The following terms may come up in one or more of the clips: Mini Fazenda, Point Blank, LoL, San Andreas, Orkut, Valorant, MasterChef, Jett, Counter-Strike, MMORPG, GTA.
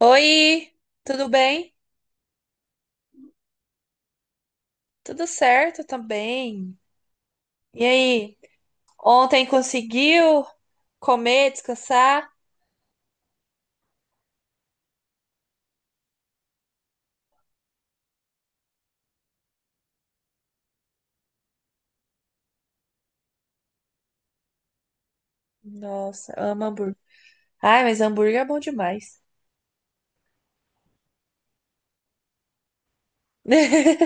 Oi, tudo bem? Tudo certo também. E aí, ontem conseguiu comer, descansar? Nossa, amo hambúrguer. Ai, mas hambúrguer é bom demais.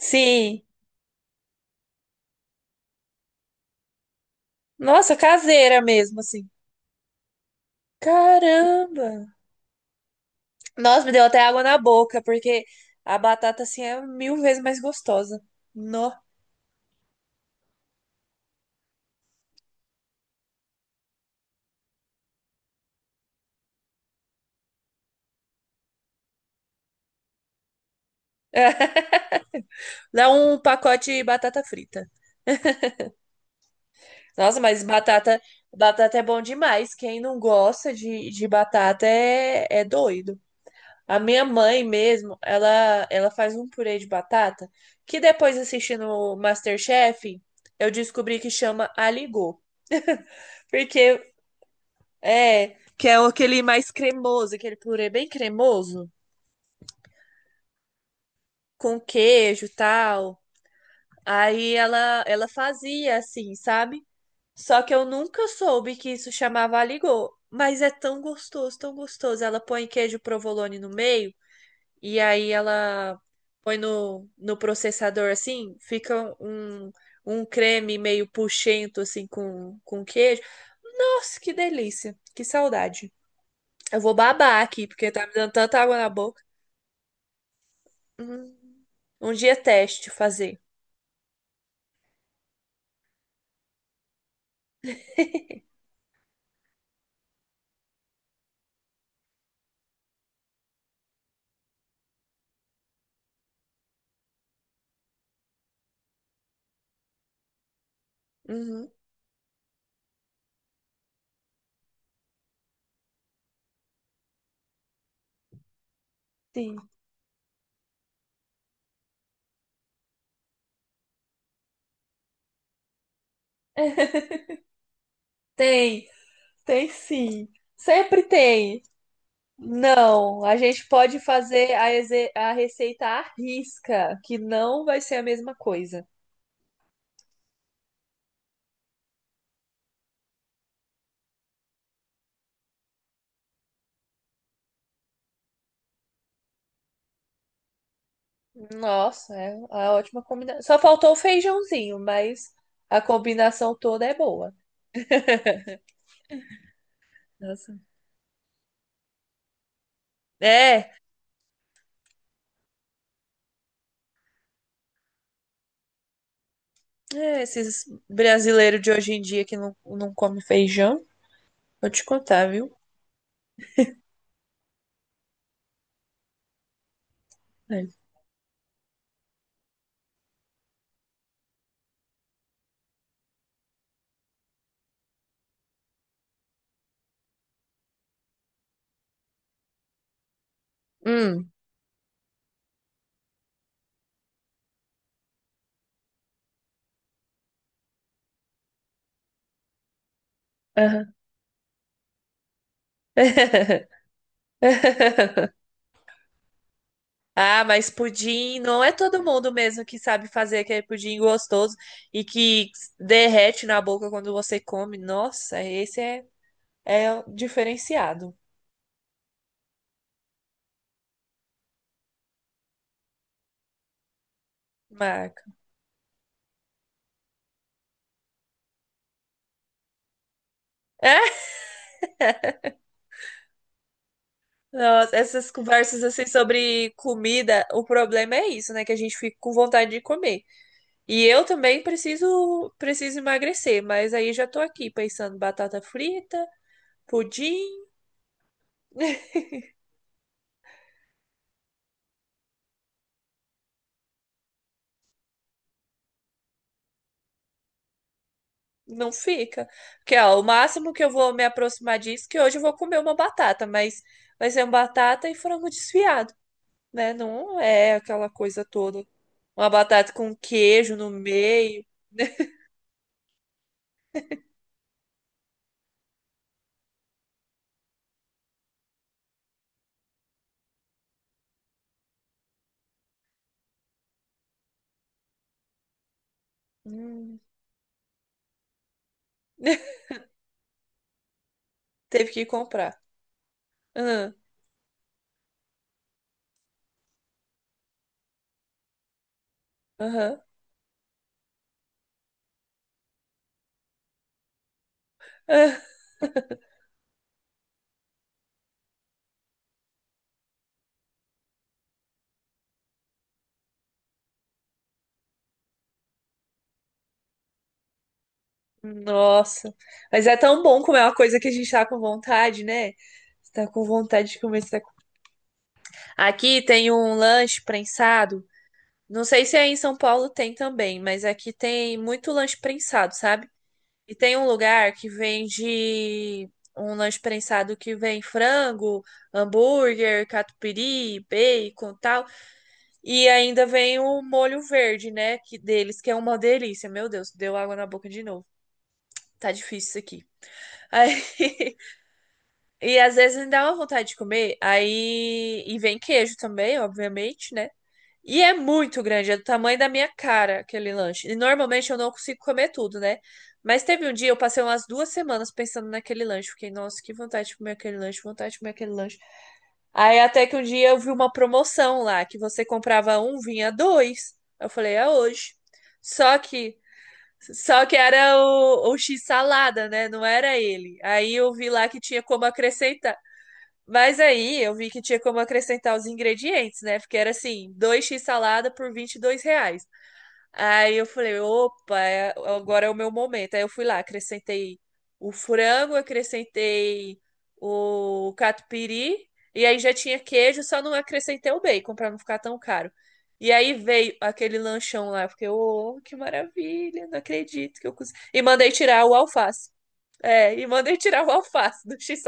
Sim. Nossa, caseira mesmo, assim. Caramba! Nossa, me deu até água na boca, porque a batata, assim, é mil vezes mais gostosa. No. Dá um pacote de batata frita. Nossa, mas batata, batata é bom demais. Quem não gosta de batata é doido. A minha mãe mesmo, ela faz um purê de batata que depois assistindo o MasterChef, eu descobri que chama aligot. Porque é, que é aquele mais cremoso, aquele purê bem cremoso, com queijo e tal. Aí ela fazia assim, sabe? Só que eu nunca soube que isso chamava aligô. Mas é tão gostoso, tão gostoso. Ela põe queijo provolone no meio e aí ela põe no processador assim, fica um creme meio puxento assim com queijo. Nossa, que delícia, que saudade. Eu vou babar aqui porque tá me dando tanta água na boca. Hum, Um dia teste fazer. Uhum, sim. Tem. Tem sim. Sempre tem. Não, a gente pode fazer a receita à risca, que não vai ser a mesma coisa. Nossa, é uma ótima combinação. Só faltou o feijãozinho, mas a combinação toda é boa. Nossa. É, é, esses brasileiros de hoje em dia que não come feijão, vou te contar, viu? É. Hum. Aham. Ah, mas pudim não é todo mundo mesmo que sabe fazer aquele pudim gostoso e que derrete na boca quando você come. Nossa, esse é o diferenciado, Marco. É? Nossa, essas conversas assim sobre comida, o problema é isso, né? Que a gente fica com vontade de comer. E eu também preciso emagrecer, mas aí já tô aqui pensando batata frita, pudim. Não fica. Porque, ó, o máximo que eu vou me aproximar disso, é que hoje eu vou comer uma batata, mas vai ser uma batata e frango desfiado, né? Não é aquela coisa toda. Uma batata com queijo no meio. Hum. Teve que comprar. Aham, aham, ah. Nossa. Mas é tão bom comer uma coisa que a gente tá com vontade, né? Você tá com vontade de comer. Você tá... com- Aqui tem um lanche prensado. Não sei se aí em São Paulo tem também, mas aqui tem muito lanche prensado, sabe? E tem um lugar que vende um lanche prensado que vem frango, hambúrguer, catupiry, bacon, tal, e ainda vem o molho verde, né, que deles, que é uma delícia. Meu Deus, deu água na boca de novo. Tá difícil isso aqui. Aí, e às vezes me dá uma vontade de comer, aí e vem queijo também, obviamente, né? E é muito grande, é do tamanho da minha cara aquele lanche. E normalmente eu não consigo comer tudo, né? Mas teve um dia, eu passei umas 2 semanas pensando naquele lanche. Fiquei, nossa, que vontade de comer aquele lanche, vontade de comer aquele lanche. Aí até que um dia eu vi uma promoção lá, que você comprava um, vinha dois. Eu falei, é hoje. Só que, só que era o X salada, né? Não era ele. Aí eu vi lá que tinha como acrescentar. Mas aí eu vi que tinha como acrescentar os ingredientes, né? Porque era assim, dois x salada por R$ 22. Aí eu falei, opa, agora é o meu momento. Aí eu fui lá, acrescentei o frango, acrescentei o catupiry, e aí já tinha queijo, só não acrescentei o bacon para não ficar tão caro. E aí veio aquele lanchão lá, eu fiquei, oh, que maravilha, não acredito que eu consegui. E mandei tirar o alface. É, e mandei tirar o alface do x.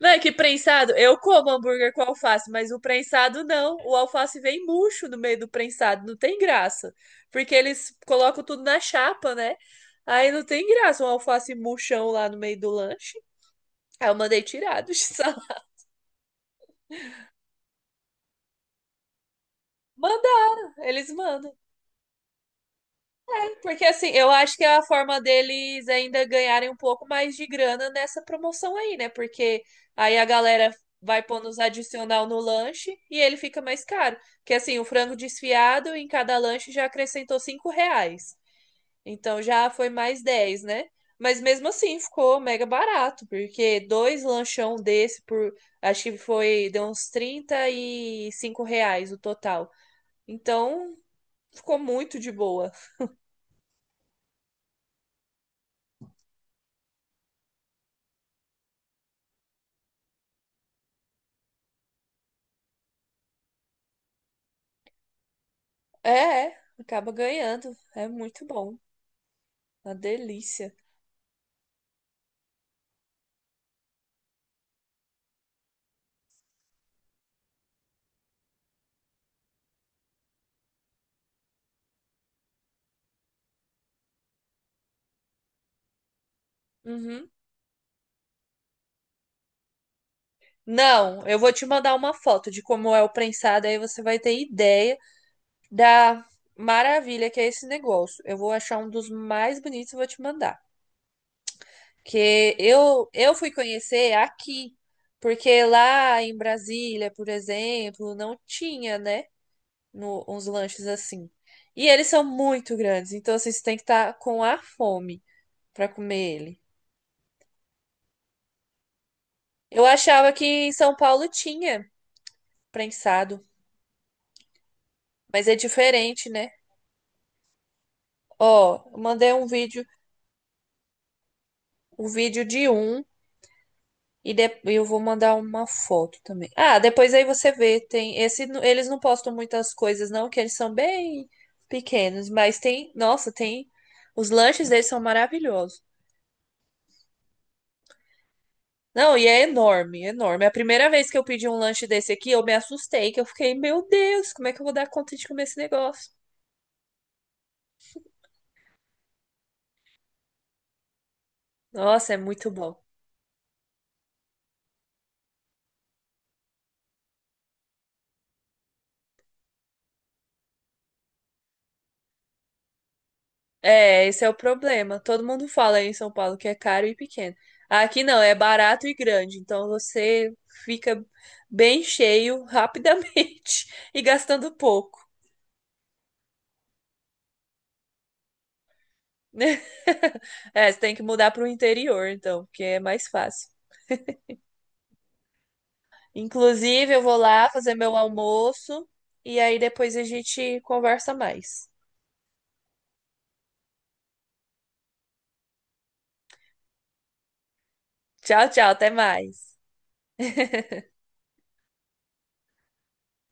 Véi, que prensado. Eu como hambúrguer com alface, mas o prensado não. O alface vem murcho no meio do prensado, não tem graça. Porque eles colocam tudo na chapa, né? Aí não tem graça um alface murchão lá no meio do lanche. Aí eu mandei tirar do sal. Mandar, eles mandam. Porque assim, eu acho que é a forma deles ainda ganharem um pouco mais de grana nessa promoção aí, né? Porque aí a galera vai pondo os adicional no lanche e ele fica mais caro. Porque assim, o frango desfiado em cada lanche já acrescentou R$ 5. Então já foi mais 10, né? Mas mesmo assim ficou mega barato, porque dois lanchão desse por acho que foi deu uns R$ 35 o total. Então ficou muito de boa. É, é, acaba ganhando. É muito bom. Uma delícia. Uhum. Não, eu vou te mandar uma foto de como é o prensado, aí você vai ter ideia da maravilha que é esse negócio. Eu vou achar um dos mais bonitos e vou te mandar. Que eu fui conhecer aqui, porque lá em Brasília, por exemplo, não tinha, né, no- uns lanches assim. E eles são muito grandes, então assim, você tem que estar com a fome para comer ele. Eu achava que em São Paulo tinha prensado, mas é diferente, né? Ó, eu mandei um vídeo de um eu vou mandar uma foto também. Ah, depois aí você vê, tem esse, eles não postam muitas coisas não, que eles são bem pequenos, mas tem, nossa, tem os lanches deles são maravilhosos. Não, e é enorme, enorme. É. A primeira vez que eu pedi um lanche desse aqui, eu me assustei, que eu fiquei, meu Deus, como é que eu vou dar conta de comer esse negócio? Nossa, é muito bom. É, esse é o problema. Todo mundo fala aí em São Paulo que é caro e pequeno. Aqui não, é barato e grande. Então você fica bem cheio rapidamente e gastando pouco. Né? É, você tem que mudar para o interior, então, porque é mais fácil. Inclusive, eu vou lá fazer meu almoço e aí depois a gente conversa mais. Tchau, tchau, até mais.